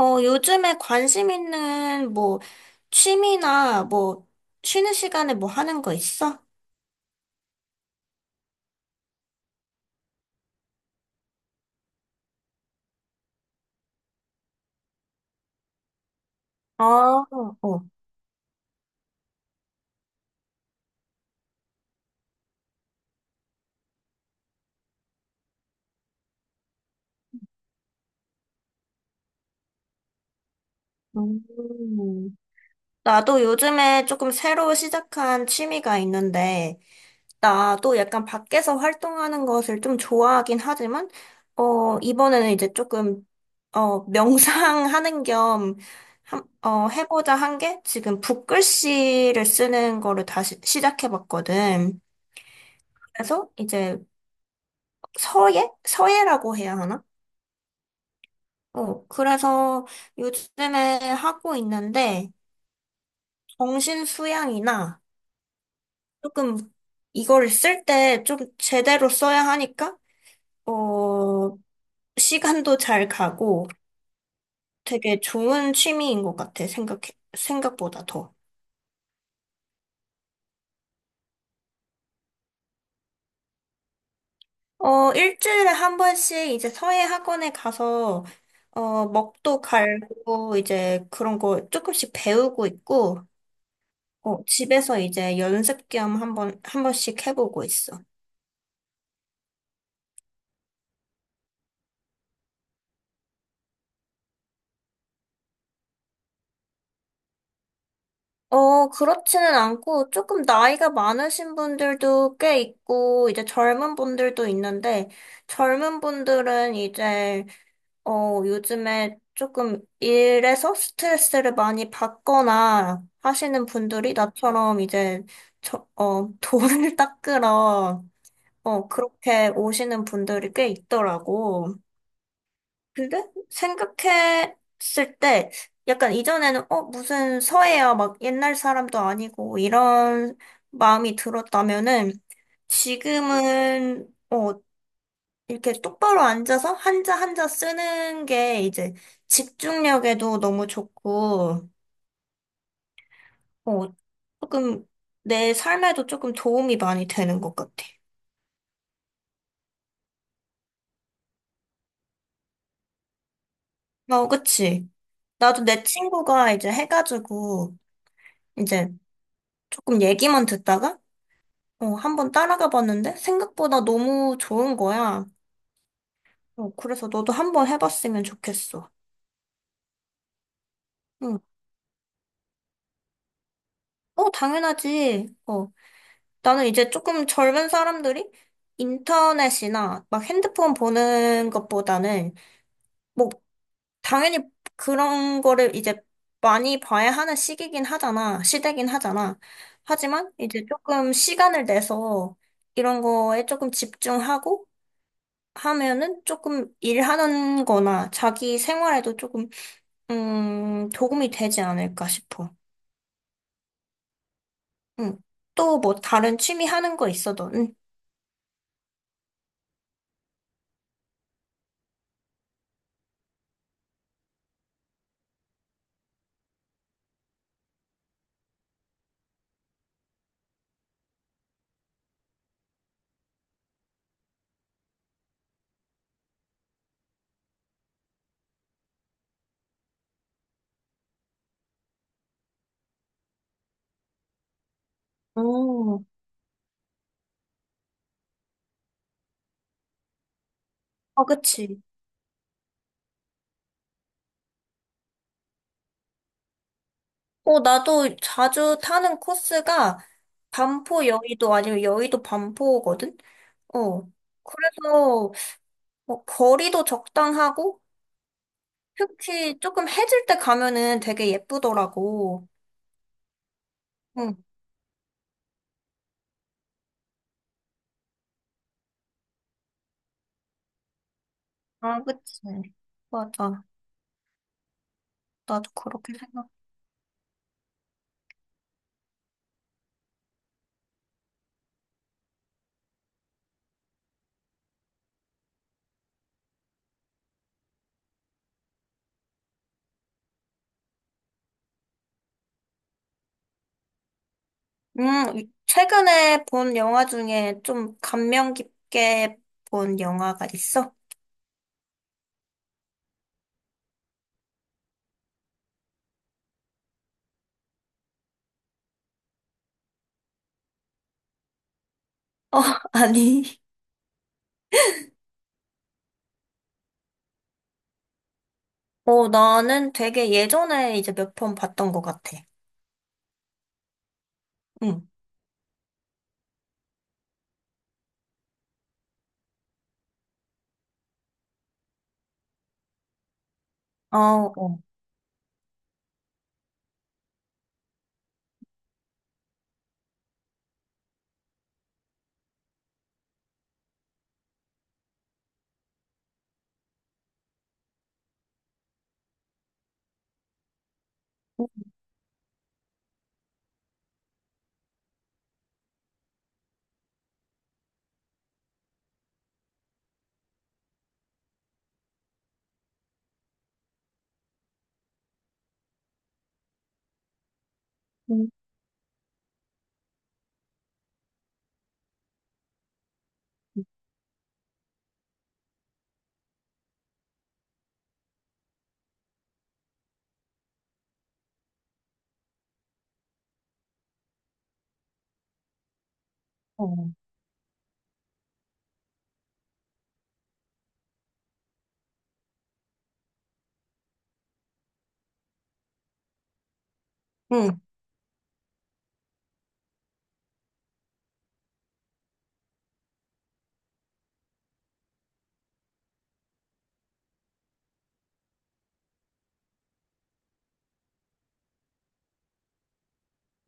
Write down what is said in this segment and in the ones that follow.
요즘에 관심 있는 뭐 취미나 뭐 쉬는 시간에 뭐 하는 거 있어? 아, 어. 음. 나도 요즘에 조금 새로 시작한 취미가 있는데, 나도 약간 밖에서 활동하는 것을 좀 좋아하긴 하지만, 이번에는 이제 조금, 명상하는 겸, 해보자 한 게 지금 붓글씨를 쓰는 거를 다시 시작해봤거든. 그래서 이제 서예? 서예라고 해야 하나? 어, 그래서 요즘에 하고 있는데, 정신 수양이나 조금 이걸 쓸 때 좀 제대로 써야 하니까, 어, 시간도 잘 가고 되게 좋은 취미인 것 같아, 생각보다 더. 어, 일주일에 한 번씩 이제 서예 학원에 가서, 어, 먹도 갈고 이제 그런 거 조금씩 배우고 있고, 어, 집에서 이제 연습 겸 한 번씩 해보고 있어. 어, 그렇지는 않고 조금 나이가 많으신 분들도 꽤 있고, 이제 젊은 분들도 있는데, 젊은 분들은 이제, 요즘에 조금 일에서 스트레스를 많이 받거나 하시는 분들이 나처럼 이제, 저, 돈을 닦으러, 어, 그렇게 오시는 분들이 꽤 있더라고. 근데 생각했을 때 약간 이전에는 무슨 서예야 막 옛날 사람도 아니고 이런 마음이 들었다면은 지금은 어 이렇게 똑바로 앉아서 한자 한자 쓰는 게 이제 집중력에도 너무 좋고 어 조금 내 삶에도 조금 도움이 많이 되는 것 같아. 어 그치? 나도 내 친구가 이제 해가지고 이제 조금 얘기만 듣다가 어, 한번 따라가 봤는데 생각보다 너무 좋은 거야. 어, 그래서 너도 한 번 해봤으면 좋겠어. 응. 어, 당연하지. 어, 나는 이제 조금 젊은 사람들이 인터넷이나 막 핸드폰 보는 것보다는 뭐 당연히 그런 거를 이제 많이 봐야 하는 시기긴 하잖아. 시대긴 하잖아. 하지만 이제 조금 시간을 내서 이런 거에 조금 집중하고 하면은 조금 일하는 거나 자기 생활에도 조금, 도움이 되지 않을까 싶어. 응. 또 뭐 다른 취미 하는 거 있어도, 응. 어, 아, 그치. 어, 나도 자주 타는 코스가 반포 여의도 아니면 여의도 반포거든? 어. 그래서 뭐 거리도 적당하고 특히 조금 해질 때 가면은 되게 예쁘더라고. 응. 아, 그치. 맞아. 나도 그렇게 생각해. 음, 최근에 본 영화 중에 좀 감명 깊게 본 영화가 있어? 어, 아니. 어, 나는 되게 예전에 이제 몇 편 봤던 것 같아. 응. 어, 어. 응. 어. 응.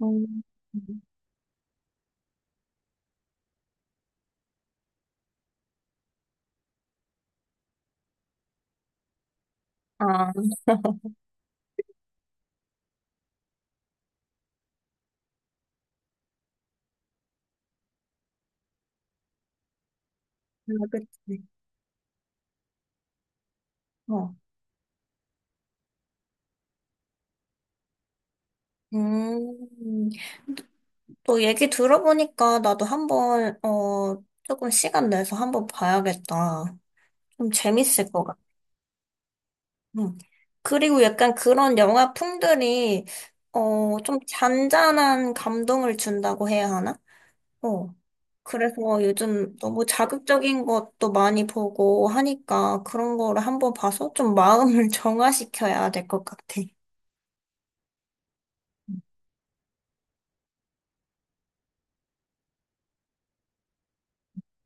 음. 아, 그치. 어. 음, 또 얘기 들어보니까 나도 조금 시간 내서 한번 봐야겠다. 좀 재밌을 것 같아. 음. 그리고 약간 그런 영화 풍들이 좀 잔잔한 감동을 준다고 해야 하나? 어. 그래서 요즘 너무 자극적인 것도 많이 보고 하니까 그런 거를 한번 봐서 좀 마음을 정화시켜야 될 것 같아.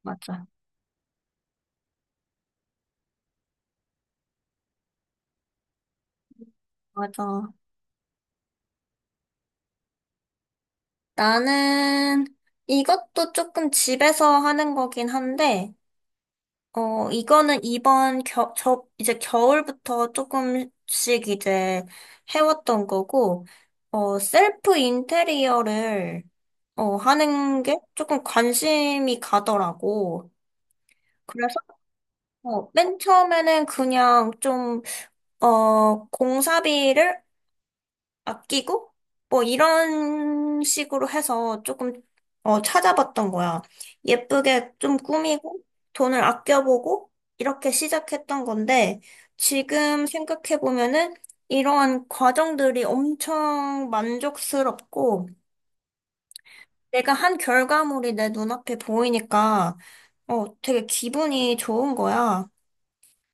맞아. 맞아. 나는 이것도 조금 집에서 하는 거긴 한데 어, 이거는 이제 겨울부터 조금씩 이제 해왔던 거고, 어, 셀프 인테리어를, 어, 하는 게 조금 관심이 가더라고. 그래서, 어, 맨 처음에는 그냥 좀, 어, 공사비를 아끼고 뭐 이런 식으로 해서 조금 어, 찾아봤던 거야. 예쁘게 좀 꾸미고 돈을 아껴보고 이렇게 시작했던 건데 지금 생각해보면은 이러한 과정들이 엄청 만족스럽고 내가 한 결과물이 내 눈앞에 보이니까 어, 되게 기분이 좋은 거야.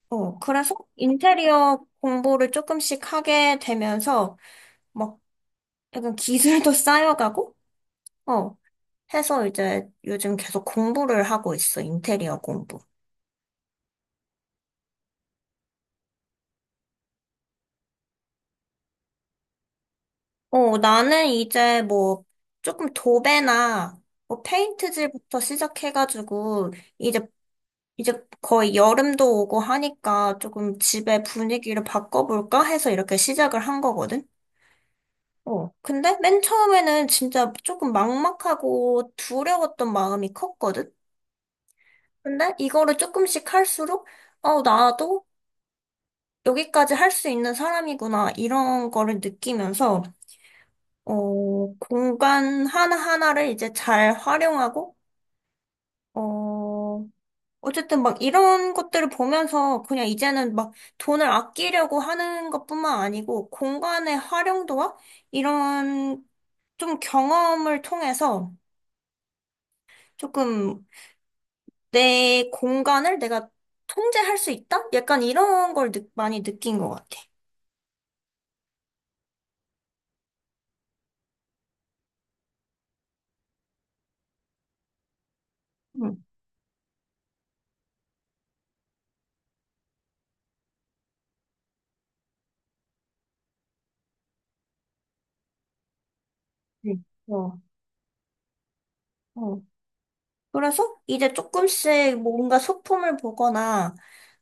어, 그래서 인테리어 공부를 조금씩 하게 되면서 막 약간 기술도 쌓여가고 어, 해서 이제 요즘 계속 공부를 하고 있어, 인테리어 공부. 어, 나는 이제 뭐 조금 도배나 뭐 페인트질부터 시작해가지고 이제 이제 거의 여름도 오고 하니까 조금 집의 분위기를 바꿔볼까 해서 이렇게 시작을 한 거거든. 어, 근데 맨 처음에는 진짜 조금 막막하고 두려웠던 마음이 컸거든. 근데 이거를 조금씩 할수록 어, 나도 여기까지 할 수 있는 사람이구나, 이런 거를 느끼면서, 어, 공간 하나하나를 이제 잘 활용하고, 어, 어쨌든 막 이런 것들을 보면서 그냥 이제는 막 돈을 아끼려고 하는 것뿐만 아니고, 공간의 활용도와 이런 좀 경험을 통해서 조금 내 공간을 내가 통제할 수 있다? 약간 이런 걸 많이 느낀 것 같아. 응. 네. 어. 어. 그래서 이제 조금씩 뭔가 소품을 보거나,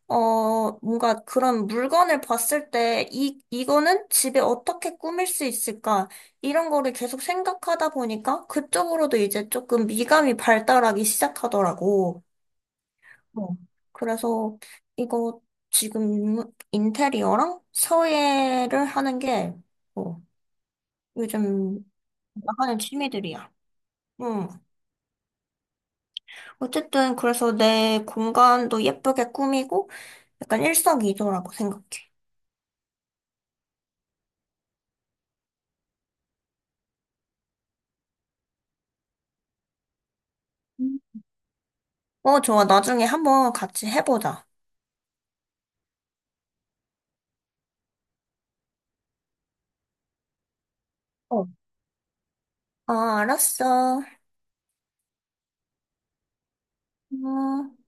어, 뭔가 그런 물건을 봤을 때, 이거는 집에 어떻게 꾸밀 수 있을까? 이런 거를 계속 생각하다 보니까 그쪽으로도 이제 조금 미감이 발달하기 시작하더라고. 어. 그래서 이거 지금 인테리어랑 서예를 하는 게, 어, 요즘 나가는 취미들이야. 응. 어쨌든 그래서 내 공간도 예쁘게 꾸미고 약간 일석이조라고 생각해. 음. 어, 좋아. 나중에 한번 같이 해보자. 어, 아, 알았어. 음.